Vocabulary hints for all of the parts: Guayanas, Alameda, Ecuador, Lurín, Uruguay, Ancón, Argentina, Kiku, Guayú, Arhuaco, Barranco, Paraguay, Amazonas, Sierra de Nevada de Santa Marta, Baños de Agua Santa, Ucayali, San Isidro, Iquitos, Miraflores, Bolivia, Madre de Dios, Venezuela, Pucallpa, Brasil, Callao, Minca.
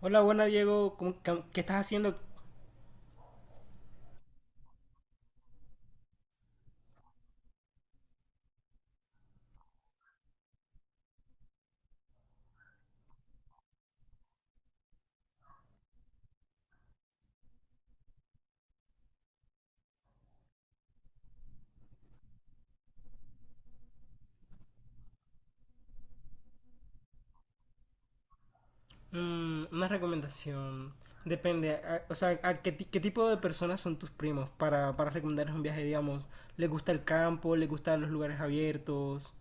Hola, buena Diego, ¿qué estás haciendo? Mm, una recomendación. Depende, o sea, a ¿qué tipo de personas son tus primos para recomendarles un viaje, digamos? ¿Les gusta el campo? ¿Les gustan los lugares abiertos?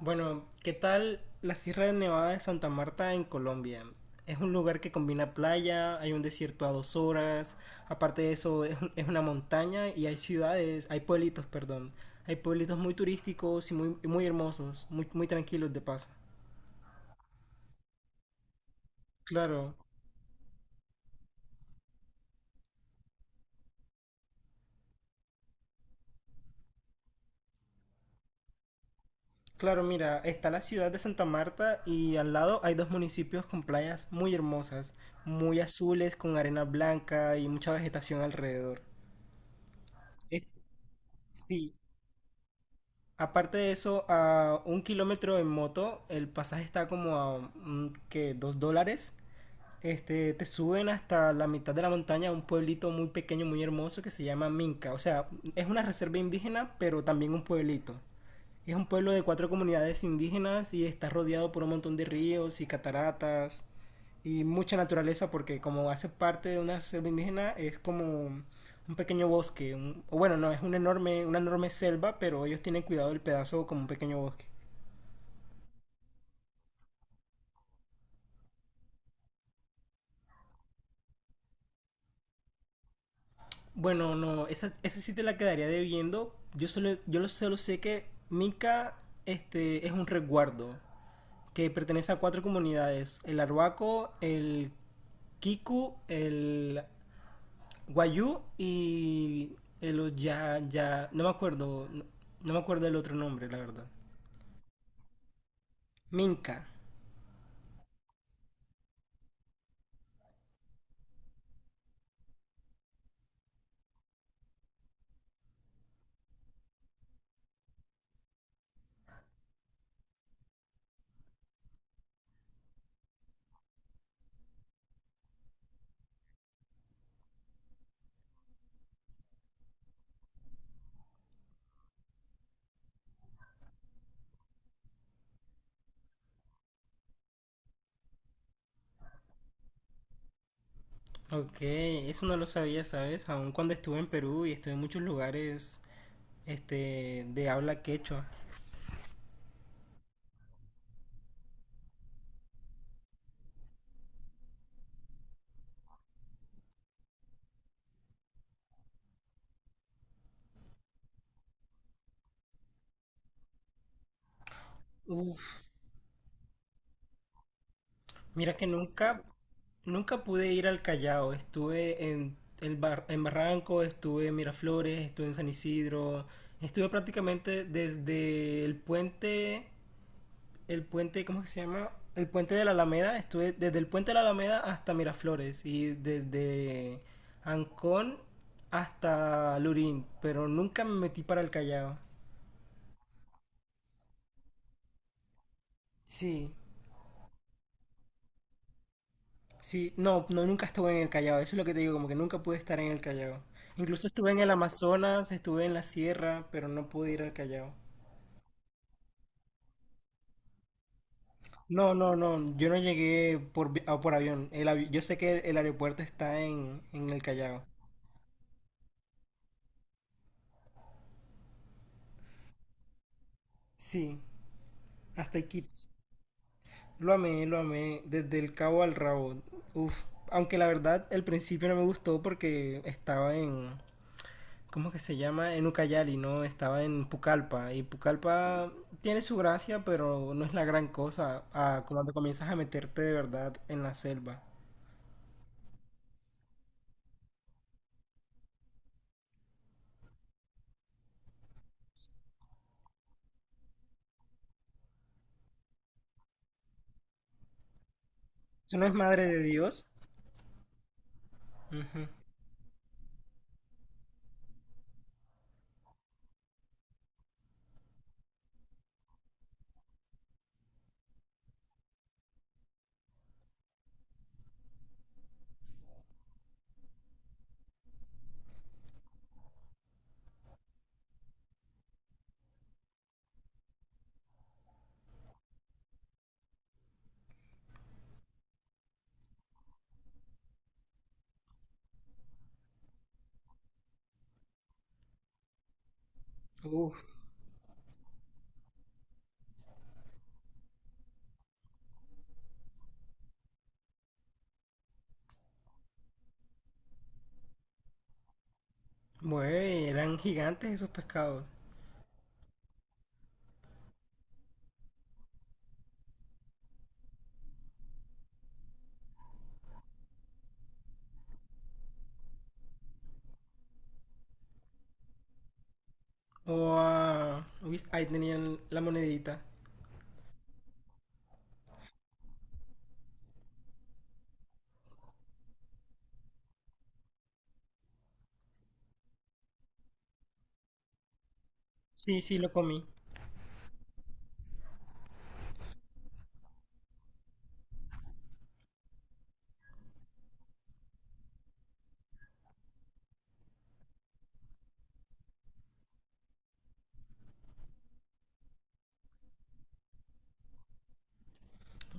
Bueno, ¿qué tal la Sierra de Nevada de Santa Marta en Colombia? Es un lugar que combina playa, hay un desierto a 2 horas. Aparte de eso es una montaña y hay ciudades, hay pueblitos, perdón, hay pueblitos muy turísticos y muy, muy hermosos, muy, muy tranquilos de paso. Claro, claro, mira, está la ciudad de Santa Marta y al lado hay dos municipios con playas muy hermosas, muy azules, con arena blanca y mucha vegetación alrededor. Es- sí, aparte de eso, a 1 kilómetro en moto, el pasaje está como a, que $2. Este, te suben hasta la mitad de la montaña a un pueblito muy pequeño, muy hermoso que se llama Minca. O sea, es una reserva indígena, pero también un pueblito. Es un pueblo de cuatro comunidades indígenas y está rodeado por un montón de ríos y cataratas y mucha naturaleza porque como hace parte de una selva indígena es como un pequeño bosque, o bueno, no, es un enorme, una enorme selva, pero ellos tienen cuidado del pedazo como un pequeño bosque. Bueno, no, esa sí te la quedaría debiendo. Yo solo, solo sé que Mica, este, es un resguardo que pertenece a cuatro comunidades: el Arhuaco, el Kiku, el Guayú y el ya, ya, no me acuerdo, no, no me acuerdo el otro nombre, la verdad. Minca. Ok, eso no lo sabía, ¿sabes? Aún cuando estuve en Perú y estuve en muchos lugares, este, de habla quechua. Uf, mira que nunca, nunca pude ir al Callao. Estuve en, en Barranco, estuve en Miraflores, estuve en San Isidro. Estuve prácticamente desde el puente, ¿cómo que se llama? El puente de la Alameda. Estuve desde el puente de la Alameda hasta Miraflores y desde Ancón hasta Lurín, pero nunca me metí para el Callao. Sí, sí. No, no, nunca estuve en el Callao, eso es lo que te digo, como que nunca pude estar en el Callao. Incluso estuve en el Amazonas, estuve en la sierra, pero no pude ir al Callao. No, no, no, yo no llegué por, por avión. Yo sé que el aeropuerto está en el Callao. Sí, hasta Iquitos. Lo amé, desde el cabo al rabo. Uf, aunque la verdad el principio no me gustó porque estaba en, ¿cómo que se llama? En Ucayali, ¿no? Estaba en Pucallpa. Y Pucallpa tiene su gracia, pero no es la gran cosa a cuando comienzas a meterte de verdad en la selva. ¿Eso no es madre de Dios? Ujú. Uf, güey, eran gigantes esos pescados. O a... uy, ahí tenían la monedita. Sí, sí, lo comí.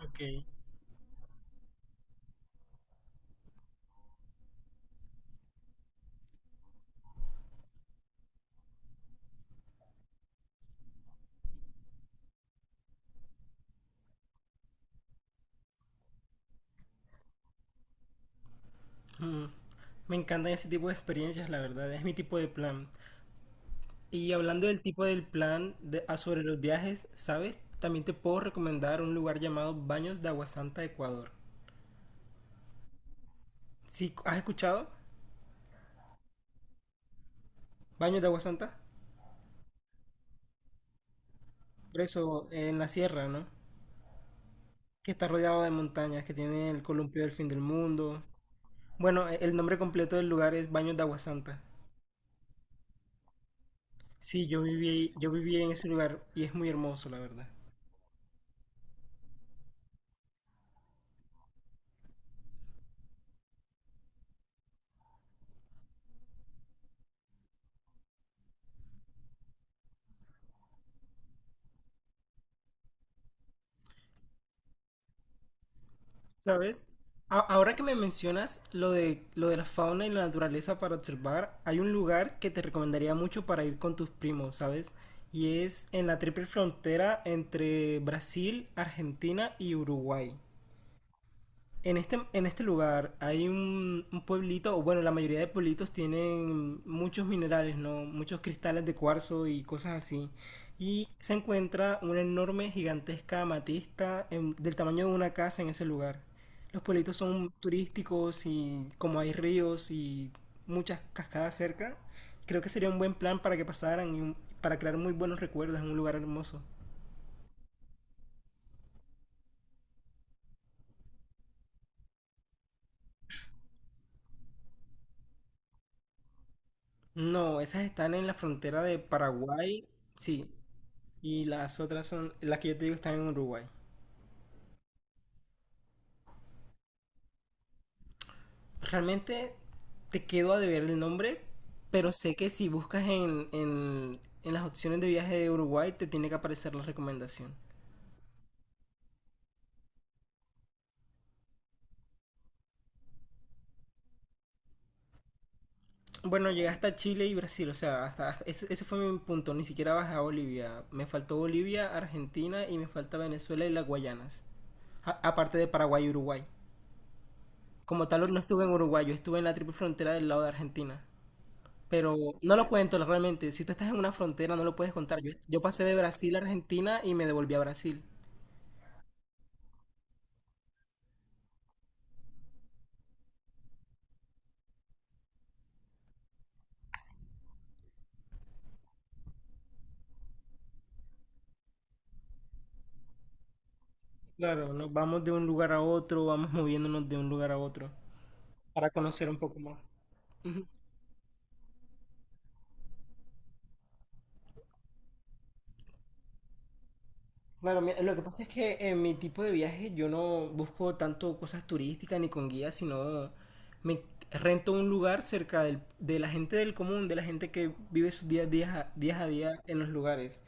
Ok. Mm, me encantan ese tipo de experiencias, la verdad, es mi tipo de plan. Y hablando del tipo del plan sobre los viajes, ¿sabes? También te puedo recomendar un lugar llamado Baños de Agua Santa, Ecuador. ¿Sí? ¿Has escuchado? Baños de Agua Santa. Por eso, en la sierra, ¿no? Que está rodeado de montañas, que tiene el columpio del fin del mundo. Bueno, el nombre completo del lugar es Baños de Agua Santa. Sí, yo viví en ese lugar y es muy hermoso, la verdad. ¿Sabes? Ahora que me mencionas lo de la fauna y la naturaleza para observar, hay un lugar que te recomendaría mucho para ir con tus primos, ¿sabes? Y es en la triple frontera entre Brasil, Argentina y Uruguay. En este lugar hay un pueblito, o bueno, la mayoría de pueblitos tienen muchos minerales, ¿no? Muchos cristales de cuarzo y cosas así. Y se encuentra una enorme, gigantesca amatista del tamaño de una casa en ese lugar. Los pueblitos son turísticos y como hay ríos y muchas cascadas cerca, creo que sería un buen plan para que pasaran y para crear muy buenos recuerdos en un lugar hermoso. No, esas están en la frontera de Paraguay. Sí. Y las otras son, las que yo te digo, están en Uruguay. Realmente te quedo a deber el nombre, pero sé que si buscas en, en las opciones de viaje de Uruguay te tiene que aparecer la recomendación. Bueno, llegué hasta Chile y Brasil, o sea, ese fue mi punto, ni siquiera bajé a Bolivia. Me faltó Bolivia, Argentina y me falta Venezuela y las Guayanas. Aparte de Paraguay y Uruguay. Como tal, no estuve en Uruguay, yo estuve en la triple frontera del lado de Argentina. Pero no lo cuento realmente. Si tú estás en una frontera, no lo puedes contar. Yo pasé de Brasil a Argentina y me devolví a Brasil. Claro, nos vamos de un lugar a otro, vamos moviéndonos de un lugar a otro para conocer un poco más. Claro, mira, lo que pasa es que en mi tipo de viaje yo no busco tanto cosas turísticas ni con guías, sino me rento un lugar cerca de la gente del común, de la gente que vive sus días a día en los lugares.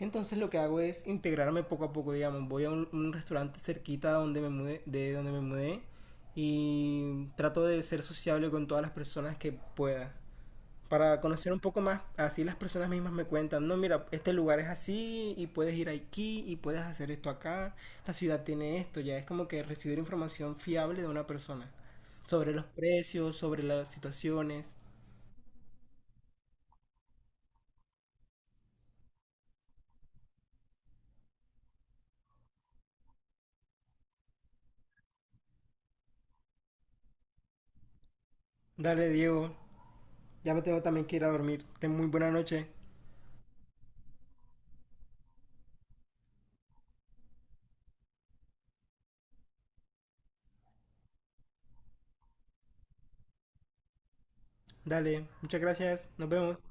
Entonces lo que hago es integrarme poco a poco, digamos, voy a un restaurante cerquita de donde me mudé y trato de ser sociable con todas las personas que pueda para conocer un poco más, así las personas mismas me cuentan: no, mira, este lugar es así y puedes ir aquí y puedes hacer esto acá, la ciudad tiene esto. Ya es como que recibir información fiable de una persona sobre los precios, sobre las situaciones. Dale, Diego, ya me tengo también que ir a dormir. Ten muy buena noche. Dale, muchas gracias, nos vemos.